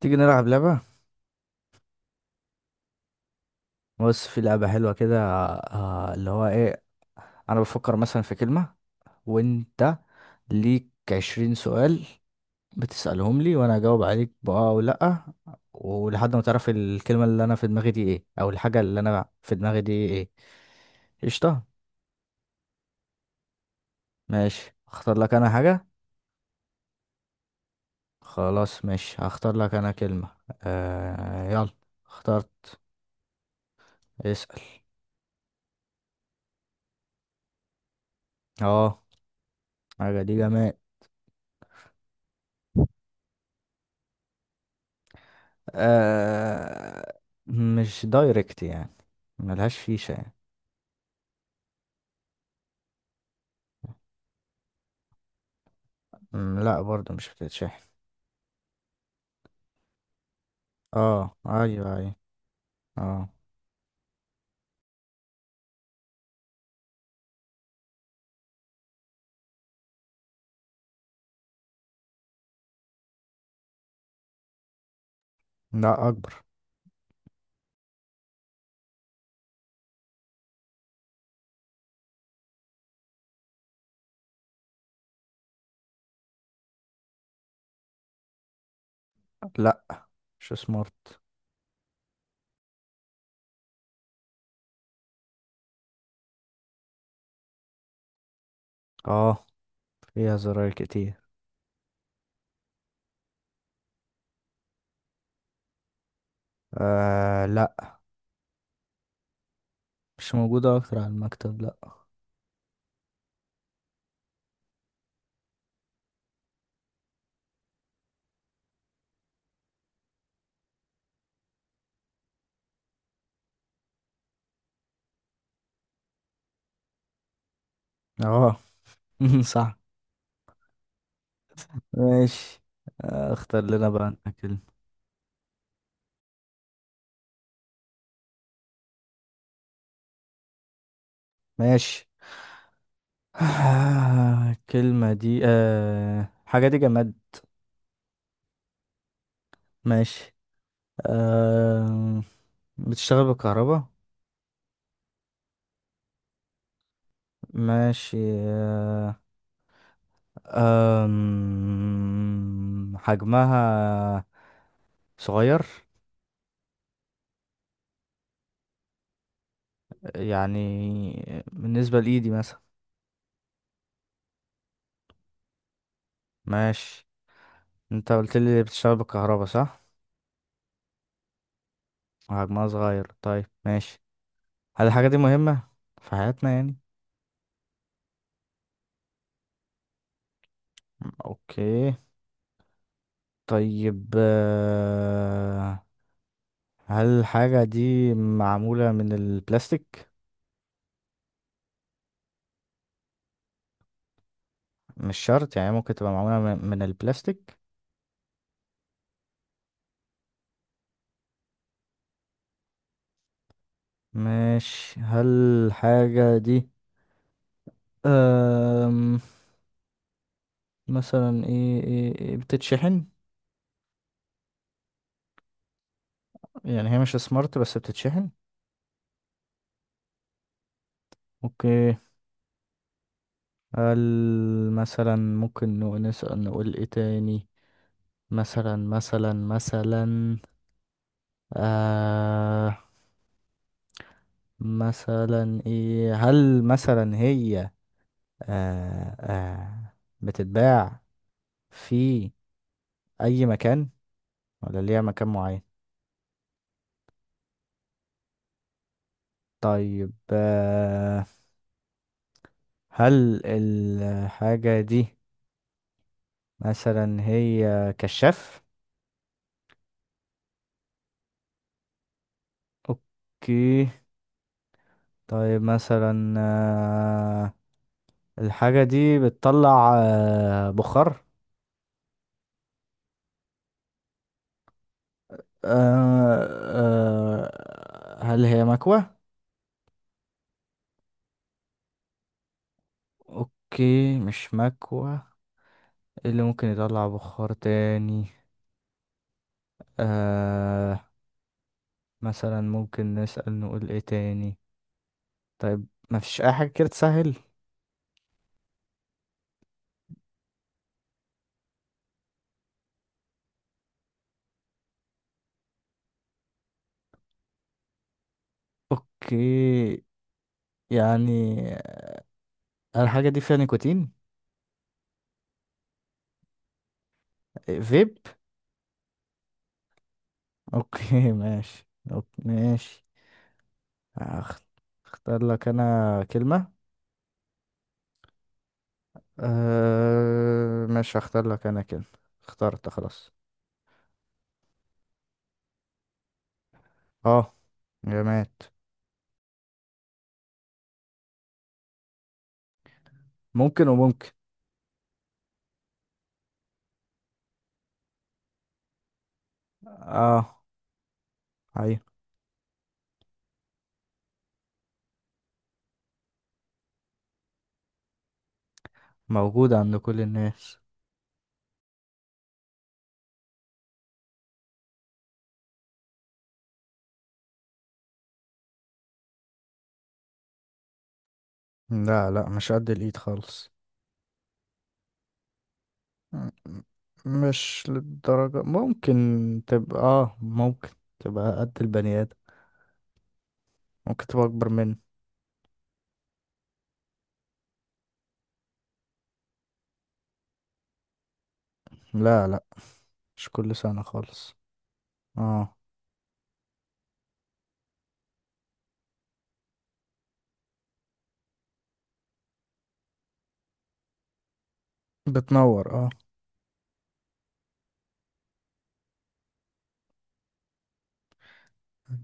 تيجي نلعب لعبة. بص، في لعبة حلوة كده. اللي هو ايه، انا بفكر مثلا في كلمة وانت ليك 20 سؤال بتسألهم لي وانا اجاوب عليك بأه او لأ ولحد ما تعرف الكلمة اللي انا في دماغي دي ايه او الحاجة اللي انا في دماغي دي ايه. قشطة. ماشي، اختار لك انا حاجة. خلاص ماشي، هختار لك انا كلمة. يلا. اخترت. اسأل. اه، حاجة دي جماد. آه مش دايركت يعني، ملهاش فيشة يعني. مم، لا، برضو مش بتتشحن. اه ايوه ايوه اه. لا، اكبر. لا، مش سمارت. اه، فيها زراير كتير. لا، مش موجودة اكتر على المكتب، لا. اه، صح. ماشي. اختار لنا بقى انت كلمة. ماشي. الكلمة دي آه حاجة دي جماد. ماشي. آه بتشتغل بالكهرباء. ماشي. آه، أم، حجمها صغير، يعني بالنسبة لإيدي مثلا. ماشي. انت قلت لي بتشتغل بالكهرباء صح، وحجمها صغير. طيب ماشي. هل الحاجة دي مهمة في حياتنا يعني؟ اوكي. طيب، هل الحاجة دي معمولة من البلاستيك؟ مش شرط، يعني ممكن تبقى معمولة من البلاستيك. ماشي. هل الحاجة دي أم... مثلا إيه بتتشحن؟ يعني هي مش سمارت بس بتتشحن. اوكي. هل مثلا ممكن نسأل، نقول ايه تاني؟ مثلا. آه مثلا ايه، هل مثلا هي آه آه بتتباع في اي مكان ولا ليها مكان معين؟ طيب، هل الحاجة دي مثلا هي كشاف؟ اوكي. طيب، مثلا الحاجة دي بتطلع بخار. آه، هل هي مكوة؟ اوكي، مش مكوة. إيه اللي ممكن يطلع بخار تاني؟ آه، مثلا ممكن نسأل، نقول ايه تاني؟ طيب، مفيش اي حاجة كده تسهل؟ اوكي. يعني الحاجة دي فيها نيكوتين؟ فيب. اوكي ماشي، أوكي ماشي. هخ- اختار لك انا كلمة. ماشي، هختار لك انا كلمة. اخترت خلاص. اه، جماد. ممكن وممكن. اه، هي موجودة عند كل الناس. لا لا، مش قد الايد خالص. م- م- مش للدرجة. ممكن تبقى قد البني ادم، ممكن تبقى اكبر منه. لا لا، مش كل سنة خالص. اه، بتنور، اه.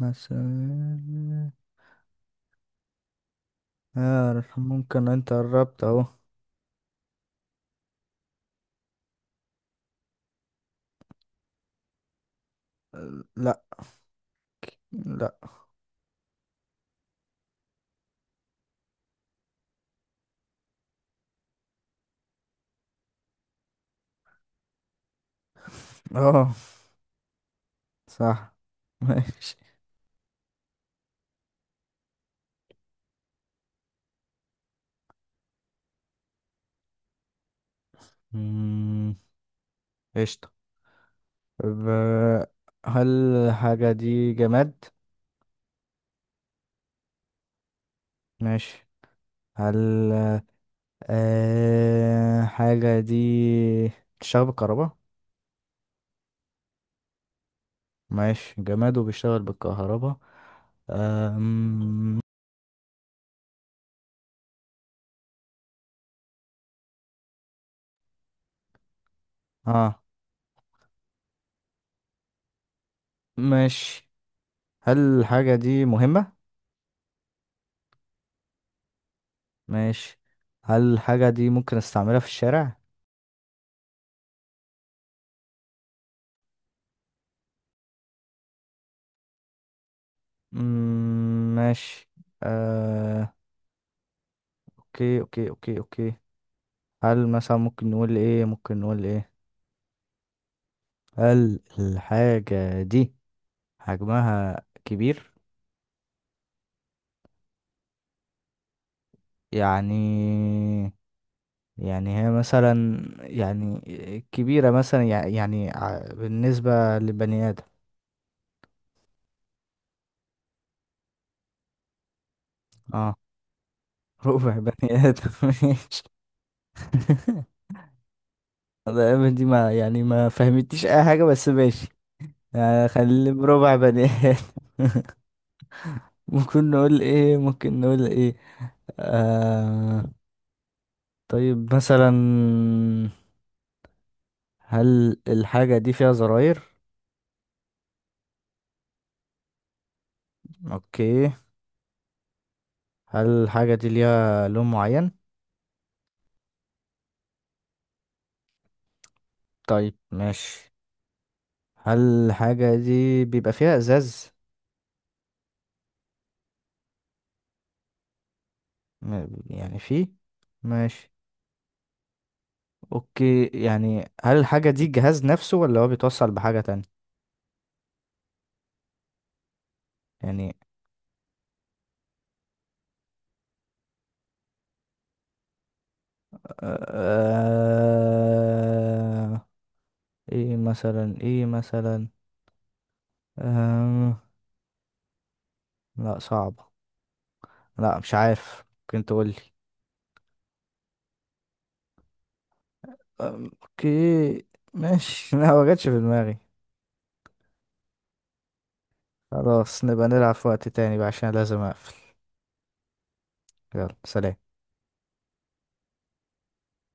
مثلا، ممكن انت قربت اهو. لا لا. اه، صح. ماشي. مم، قشطة. طب، هل الحاجة دي جماد؟ ماشي. هل حاجة دي بتشتغل بالكهرباء؟ ماشي، جماد وبيشتغل بالكهرباء. آم، اه ماشي. هل الحاجة دي مهمة؟ ماشي. هل الحاجة دي ممكن استعملها في الشارع؟ مم، ماشي. آه، اوكي اوكي اوكي اوكي. هل مثلا ممكن نقول ايه، هل الحاجة دي حجمها كبير؟ يعني، هي مثلا يعني كبيرة، مثلا بالنسبة لبني آدم. اه، ربع بني آدم ماشي. دي ما يعني ما فهمتيش اي حاجة، بس ماشي. يعني خليه بربع بني آدم. ممكن نقول ايه. آه طيب، مثلا هل الحاجة دي فيها زراير؟ اوكي. هل الحاجة دي ليها لون معين؟ طيب ماشي. هل الحاجة دي بيبقى فيها ازاز؟ يعني فيه. ماشي. اوكي، يعني هل الحاجة دي جهاز نفسه ولا هو بيتوصل بحاجة تانية؟ يعني، آه ايه مثلا، آه لا صعبة. لا، مش عارف، ممكن تقولي. اوكي ماشي. لا، ما جاتش في دماغي. خلاص، نبقى نلعب في وقت تاني بقى عشان لازم اقفل. يلا، سلام.